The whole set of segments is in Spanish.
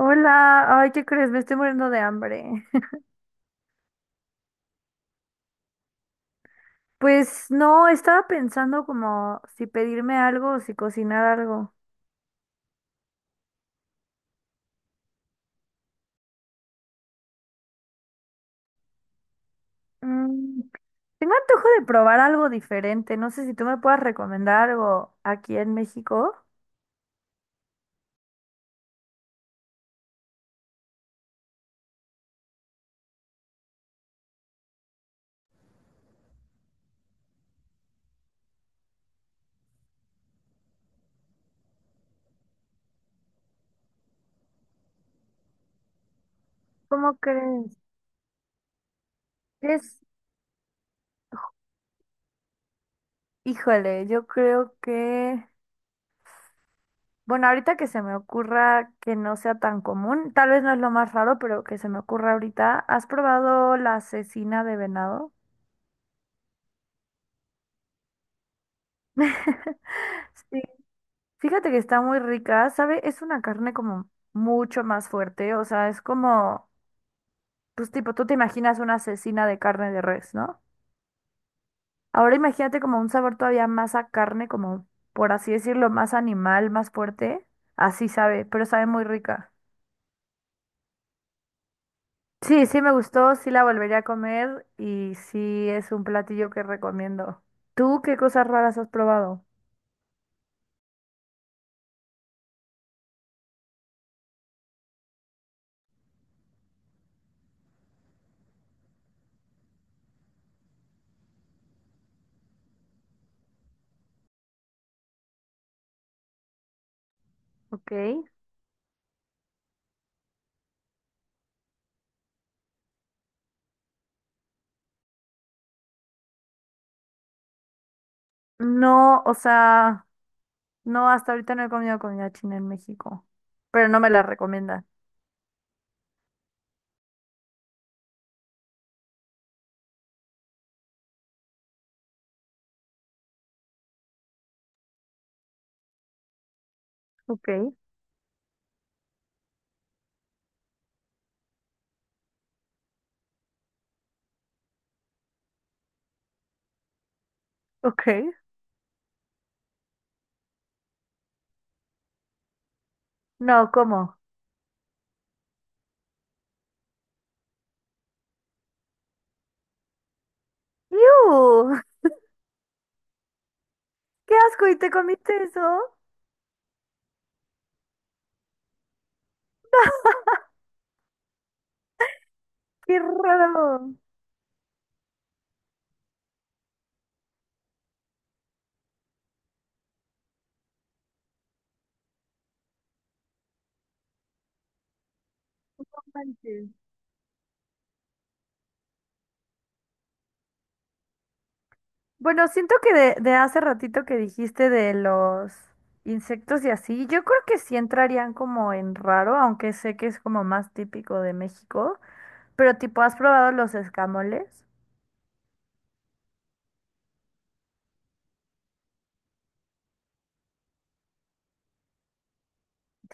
Hola, ay, ¿qué crees? Me estoy muriendo de hambre. Pues no, estaba pensando como si pedirme algo o si cocinar algo. Mm, tengo antojo de probar algo diferente. No sé si tú me puedas recomendar algo aquí en México. ¿Cómo crees? Es, híjole, yo creo que, bueno, ahorita que se me ocurra que no sea tan común, tal vez no es lo más raro, pero que se me ocurra ahorita, ¿has probado la cecina de venado? Sí. Fíjate que está muy rica, ¿sabe? Es una carne como mucho más fuerte, o sea, es como, pues tipo, tú te imaginas una asesina de carne de res, ¿no? Ahora imagínate como un sabor todavía más a carne, como, por así decirlo, más animal, más fuerte, así sabe, pero sabe muy rica. Sí, sí me gustó, sí la volvería a comer y sí es un platillo que recomiendo. ¿Tú qué cosas raras has probado? Ok. No, o sea... No, hasta ahorita no he comido comida china en México, pero no me la recomiendan. Ok, ok. No, ¿cómo? ¡Iu! ¡Qué asco! ¿Y te comiste eso? ¡Qué raro! No. Manches. Bueno, siento que de hace ratito que dijiste de los insectos y así, yo creo que sí entrarían como en raro, aunque sé que es como más típico de México, pero tipo, ¿has probado los escamoles?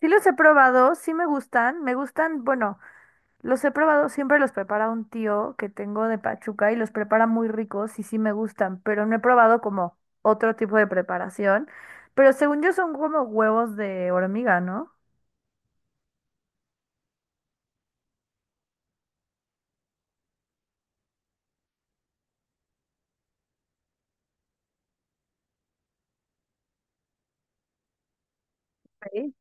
Sí los he probado, sí me gustan, bueno. Los he probado, siempre los prepara un tío que tengo de Pachuca y los prepara muy ricos y sí me gustan, pero no he probado como otro tipo de preparación. Pero según yo son como huevos de hormiga, ¿no? Ok.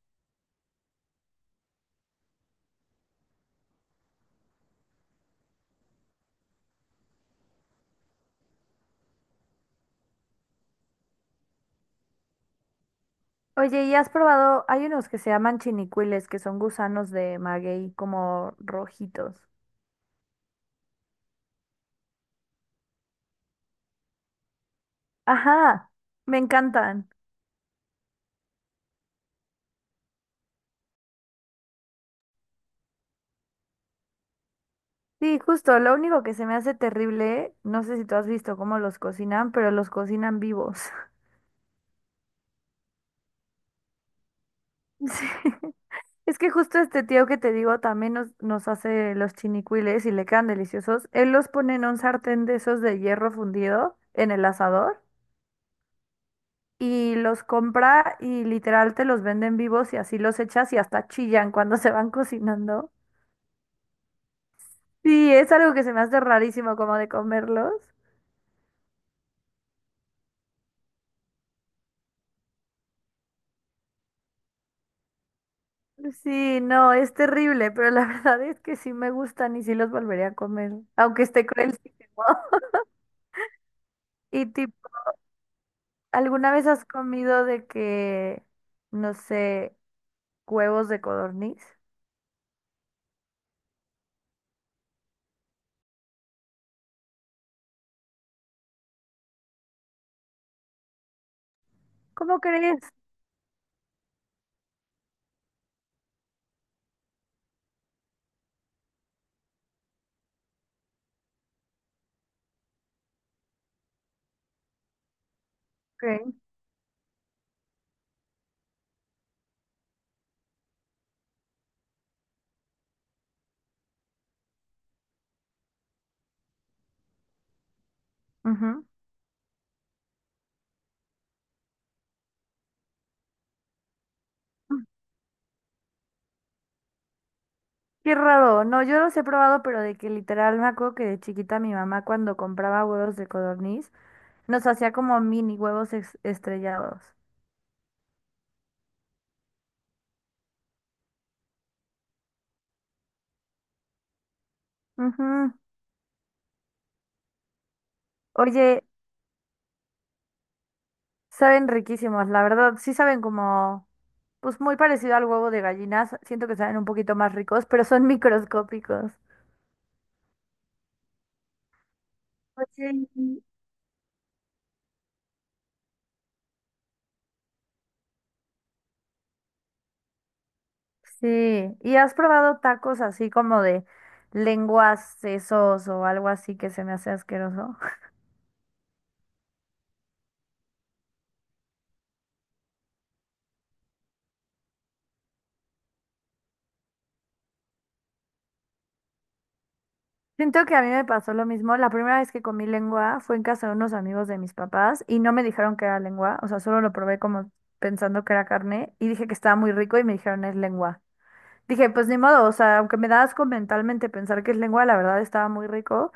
Oye, ¿y has probado? Hay unos que se llaman chinicuiles, que son gusanos de maguey como rojitos. Ajá, me encantan. Sí, justo, lo único que se me hace terrible, no sé si tú has visto cómo los cocinan, pero los cocinan vivos. Sí. Es que justo este tío que te digo también nos hace los chinicuiles y le quedan deliciosos. Él los pone en un sartén de esos de hierro fundido en el asador y los compra y literal te los venden vivos y así los echas y hasta chillan cuando se van cocinando. Sí, es algo que se me hace rarísimo como de comerlos. Sí, no, es terrible, pero la verdad es que sí me gustan y sí los volvería a comer, aunque esté cruelísimo. Y tipo, ¿alguna vez has comido de que, no sé, huevos de codorniz? ¿Cómo crees? Ok. Ujú. Qué raro. No, yo los he probado, pero de que literal me acuerdo que de chiquita mi mamá cuando compraba huevos de codorniz nos hacía como mini huevos estrellados. Ujú. Oye, saben riquísimos, la verdad. Sí saben como, pues muy parecido al huevo de gallinas. Siento que saben un poquito más ricos, pero son microscópicos. Oye, sí, ¿y has probado tacos así como de lenguas, sesos o algo así que se me hace asqueroso? Siento que a mí me pasó lo mismo. La primera vez que comí lengua fue en casa de unos amigos de mis papás y no me dijeron que era lengua, o sea, solo lo probé como pensando que era carne y dije que estaba muy rico y me dijeron es lengua. Dije, pues ni modo, o sea, aunque me da asco mentalmente pensar que es lengua, la verdad estaba muy rico.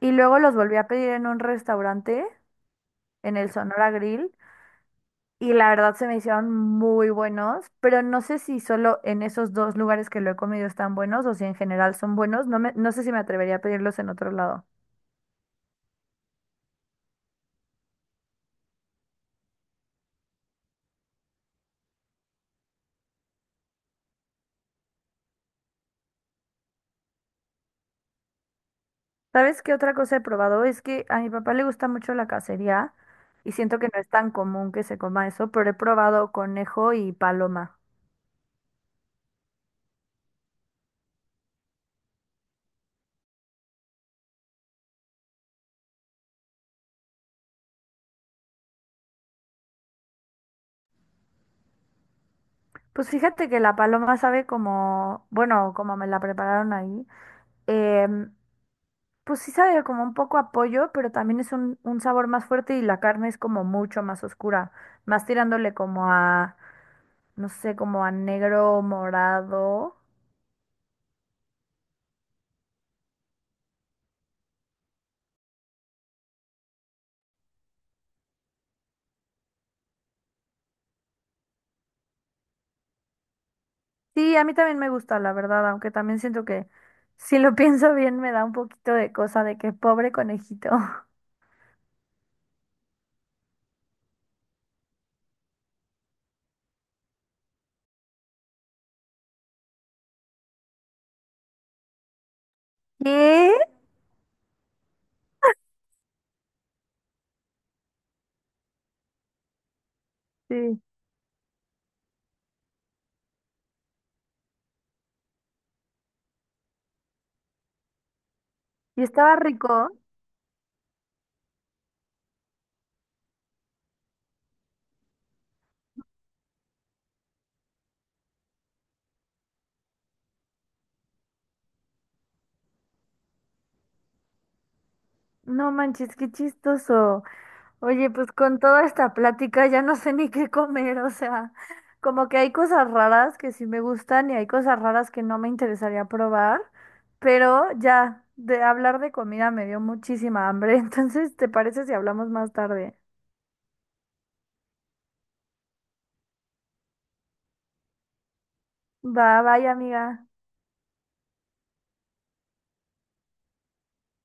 Y luego los volví a pedir en un restaurante, en el Sonora Grill. Y la verdad se me hicieron muy buenos, pero no sé si solo en esos dos lugares que lo he comido están buenos o si en general son buenos. No sé si me atrevería a pedirlos en otro lado. ¿Sabes qué otra cosa he probado? Es que a mi papá le gusta mucho la cacería y siento que no es tan común que se coma eso, pero he probado conejo y paloma. Pues fíjate que la paloma sabe como, bueno, como me la prepararon ahí. em, Pues sí sabe como un poco a pollo, pero también es un sabor más fuerte y la carne es como mucho más oscura, más tirándole como a, no sé, como a negro, morado. Sí, a mí también me gusta, la verdad, aunque también siento que si lo pienso bien me da un poquito de cosa de que pobre conejito. ¿Qué? Sí. Y estaba rico. No manches, qué chistoso. Oye, pues con toda esta plática ya no sé ni qué comer, o sea, como que hay cosas raras que sí me gustan y hay cosas raras que no me interesaría probar, pero ya, de hablar de comida me dio muchísima hambre, entonces, ¿te parece si hablamos más tarde? Va, bye, amiga.